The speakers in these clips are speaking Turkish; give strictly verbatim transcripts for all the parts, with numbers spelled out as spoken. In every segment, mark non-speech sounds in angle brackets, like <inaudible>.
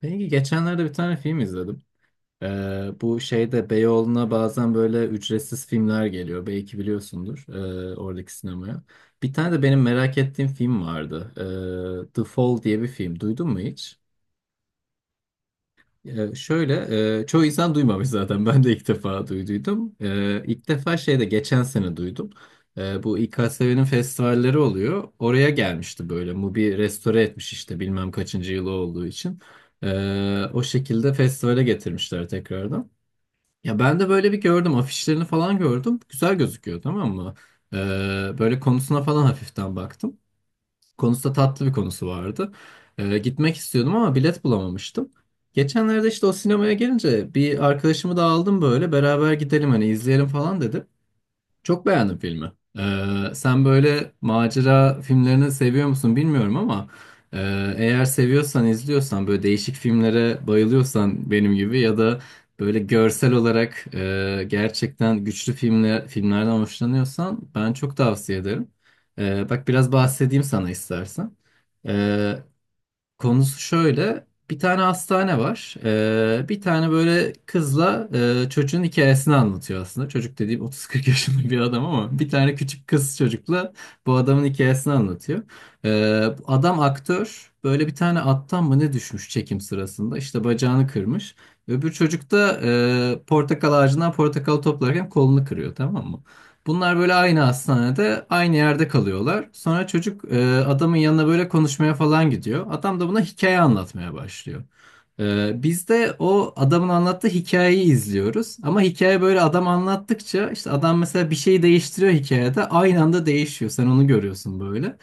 Peki geçenlerde bir tane film izledim. Ee, bu şeyde Beyoğlu'na bazen böyle ücretsiz filmler geliyor. Belki biliyorsundur ee, oradaki sinemaya. Bir tane de benim merak ettiğim film vardı. Ee, The Fall diye bir film. Duydun mu hiç? Ee, şöyle, e, Çoğu insan duymamış zaten. Ben de ilk defa duyduydum. Ee, ilk defa şeyde geçen sene duydum. Ee, bu İKSV'nin festivalleri oluyor. Oraya gelmişti böyle. Mubi restore etmiş işte bilmem kaçıncı yılı olduğu için. Ee, o şekilde festivale getirmişler tekrardan. Ya ben de böyle bir gördüm. Afişlerini falan gördüm. Güzel gözüküyor, tamam mı? Ee, böyle konusuna falan hafiften baktım. Konusu da tatlı bir konusu vardı. Ee, gitmek istiyordum ama bilet bulamamıştım. Geçenlerde işte o sinemaya gelince bir arkadaşımı da aldım, böyle beraber gidelim hani izleyelim falan dedim. Çok beğendim filmi. Ee, sen böyle macera filmlerini seviyor musun bilmiyorum ama e, eğer seviyorsan, izliyorsan, böyle değişik filmlere bayılıyorsan benim gibi, ya da böyle görsel olarak e, gerçekten güçlü filmler, filmlerden hoşlanıyorsan ben çok tavsiye ederim. Ee, bak biraz bahsedeyim sana istersen. E, Konusu şöyle. Bir tane hastane var. Ee, bir tane böyle kızla e, çocuğun hikayesini anlatıyor aslında. Çocuk dediğim otuz kırk yaşında bir adam ama bir tane küçük kız çocukla bu adamın hikayesini anlatıyor. Ee, bu adam aktör. Böyle bir tane attan mı ne düşmüş çekim sırasında. İşte bacağını kırmış. Öbür çocuk da e, portakal ağacından portakal toplarken kolunu kırıyor, tamam mı? Bunlar böyle aynı hastanede, aynı yerde kalıyorlar. Sonra çocuk e, adamın yanına böyle konuşmaya falan gidiyor. Adam da buna hikaye anlatmaya başlıyor. E, biz de o adamın anlattığı hikayeyi izliyoruz. Ama hikaye böyle, adam anlattıkça işte adam mesela bir şeyi değiştiriyor hikayede. Aynı anda değişiyor. Sen onu görüyorsun böyle.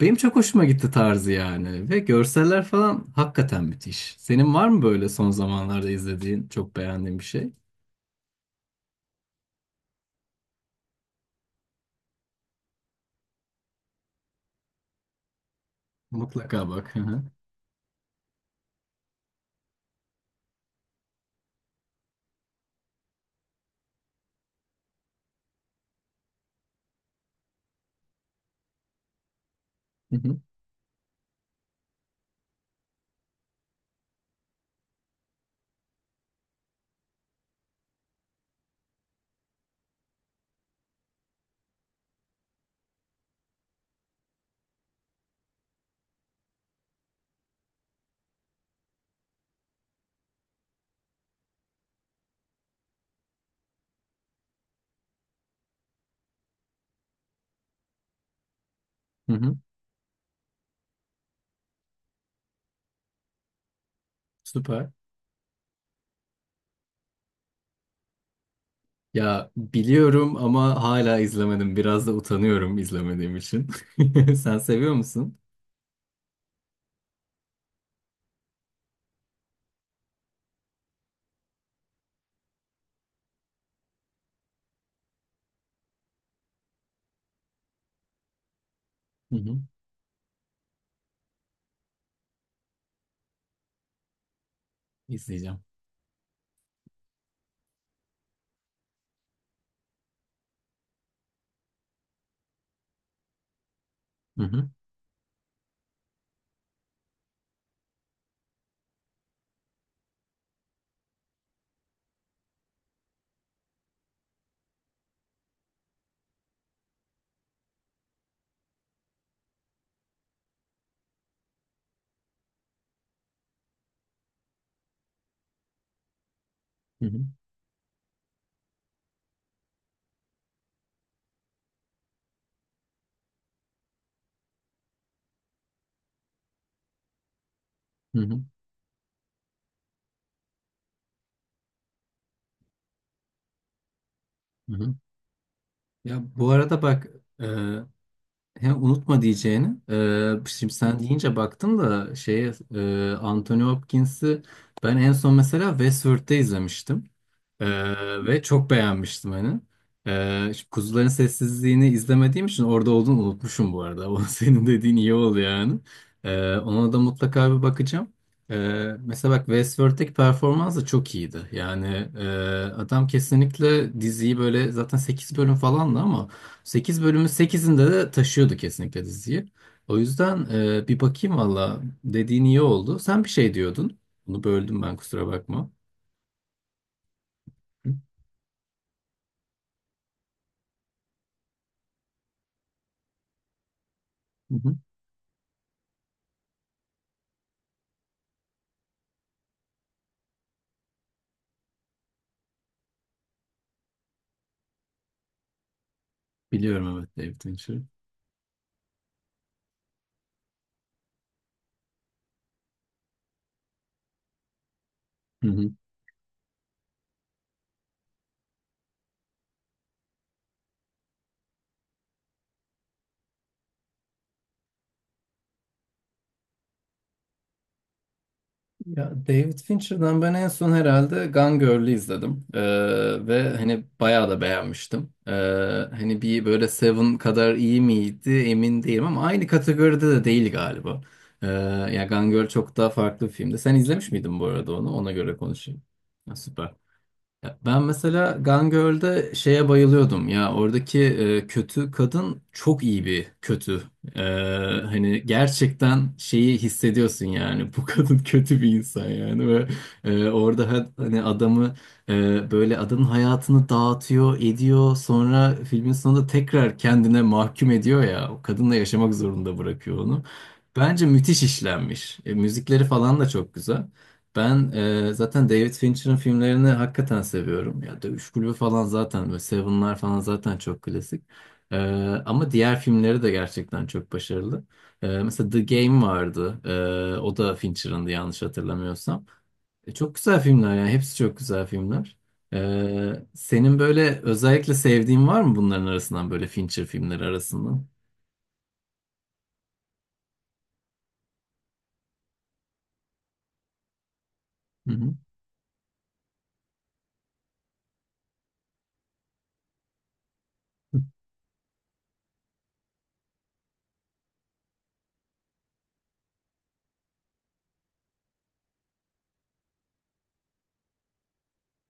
Benim çok hoşuma gitti tarzı yani. Ve görseller falan hakikaten müthiş. Senin var mı böyle son zamanlarda izlediğin, çok beğendiğin bir şey? Mutlaka bak. Hı hı. Hı hı. Hı hı. Süper. Ya biliyorum ama hala izlemedim. Biraz da utanıyorum izlemediğim için. <laughs> Sen seviyor musun? Hı hı. İzleyeceğim. Hı hı. Hı hı. Hı hı. Hı hı. Ya bu arada bak, e, He, unutma diyeceğini. Ee, şimdi sen deyince baktım da şeye, e, Anthony Hopkins'i ben en son mesela Westworld'da izlemiştim. Ee, ve çok beğenmiştim hani. Ee, şimdi Kuzuların Sessizliğini izlemediğim için orada olduğunu unutmuşum bu arada. <laughs> O senin dediğin iyi oldu yani. Ee, ona da mutlaka bir bakacağım. Ee, mesela bak, Westworld'deki performans da çok iyiydi. Yani e, adam kesinlikle diziyi böyle, zaten sekiz bölüm falandı ama sekiz bölümün sekizinde de taşıyordu kesinlikle diziyi. O yüzden e, bir bakayım, valla dediğin iyi oldu. Sen bir şey diyordun. Bunu böldüm ben, kusura bakma. Hı hı. Biliyorum evet, David Fincher. Hı hı. Ya David Fincher'dan ben en son herhalde Gone Girl'ü izledim. Ee, ve hani bayağı da beğenmiştim. Ee, hani bir böyle Seven kadar iyi miydi emin değilim ama aynı kategoride de değil galiba. Ee, Ya Gone Girl çok daha farklı bir filmdi. Sen izlemiş miydin bu arada onu? Ona göre konuşayım. Ha, süper. Ya ben mesela Gone Girl'de şeye bayılıyordum ya, oradaki e, kötü kadın çok iyi bir kötü. E, Hani gerçekten şeyi hissediyorsun yani, bu kadın <laughs> kötü bir insan yani. Ve e, orada ha- hani adamı, e, böyle adamın hayatını dağıtıyor ediyor, sonra filmin sonunda tekrar kendine mahkum ediyor ya, o kadınla yaşamak zorunda bırakıyor onu. Bence müthiş işlenmiş. E, müzikleri falan da çok güzel. Ben e, zaten David Fincher'ın filmlerini hakikaten seviyorum. Ya Dövüş Kulübü falan, zaten böyle Seven'lar falan zaten çok klasik. E, Ama diğer filmleri de gerçekten çok başarılı. E, mesela The Game vardı. E, o da Fincher'ındı yanlış hatırlamıyorsam. E, çok güzel filmler yani, hepsi çok güzel filmler. E, senin böyle özellikle sevdiğin var mı bunların arasından, böyle Fincher filmleri arasından? Hı hı.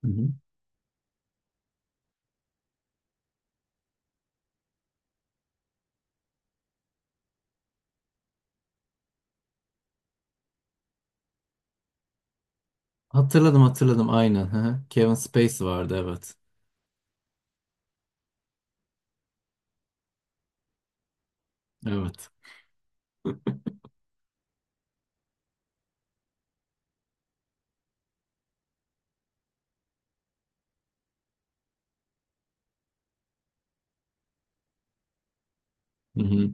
Hı hı. Hatırladım hatırladım, aynen. Hı hı. Kevin Spacey vardı, evet. Evet. Hı hı.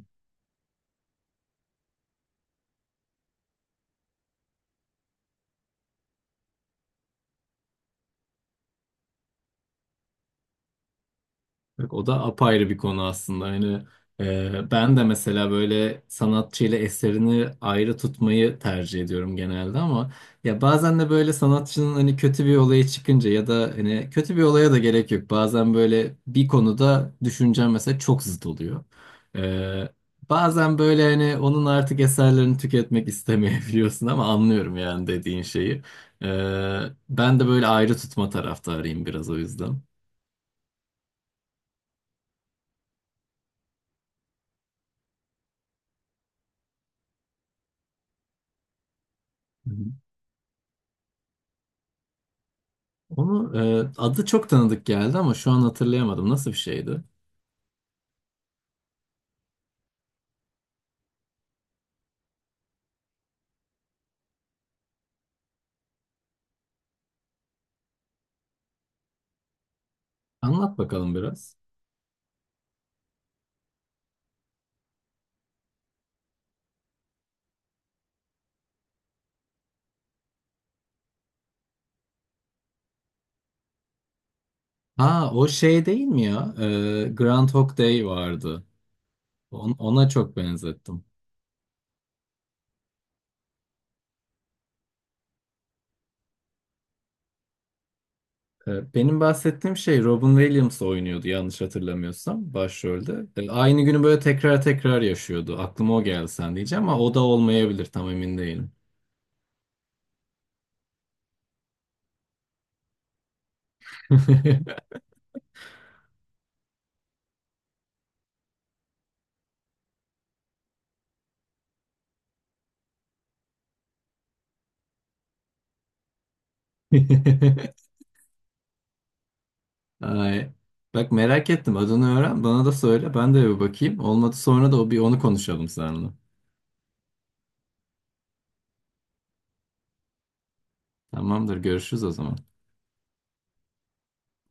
Yok, o da apayrı bir konu aslında. Yani e, ben de mesela böyle sanatçıyla eserini ayrı tutmayı tercih ediyorum genelde ama ya bazen de böyle sanatçının hani kötü bir olaya çıkınca ya da hani kötü bir olaya da gerek yok. Bazen böyle bir konuda düşüncem mesela çok zıt oluyor. E, Bazen böyle hani onun artık eserlerini tüketmek istemeyebiliyorsun ama anlıyorum yani dediğin şeyi. E, Ben de böyle ayrı tutma taraftarıyım biraz o yüzden. Onu e, adı çok tanıdık geldi ama şu an hatırlayamadım. Nasıl bir şeydi? Anlat bakalım biraz. Ha o şey değil mi ya? E, Groundhog Day vardı. On- ona çok benzettim. E, benim bahsettiğim şey Robin Williams oynuyordu yanlış hatırlamıyorsam başrolde. E, aynı günü böyle tekrar tekrar yaşıyordu. Aklıma o geldi sen diyeceğim ama o da olmayabilir, tam emin değilim. <laughs> Ay. Bak merak ettim, adını öğren bana da söyle, ben de bir bakayım. Olmadı sonra da o bir onu konuşalım seninle. Tamamdır. Görüşürüz o zaman.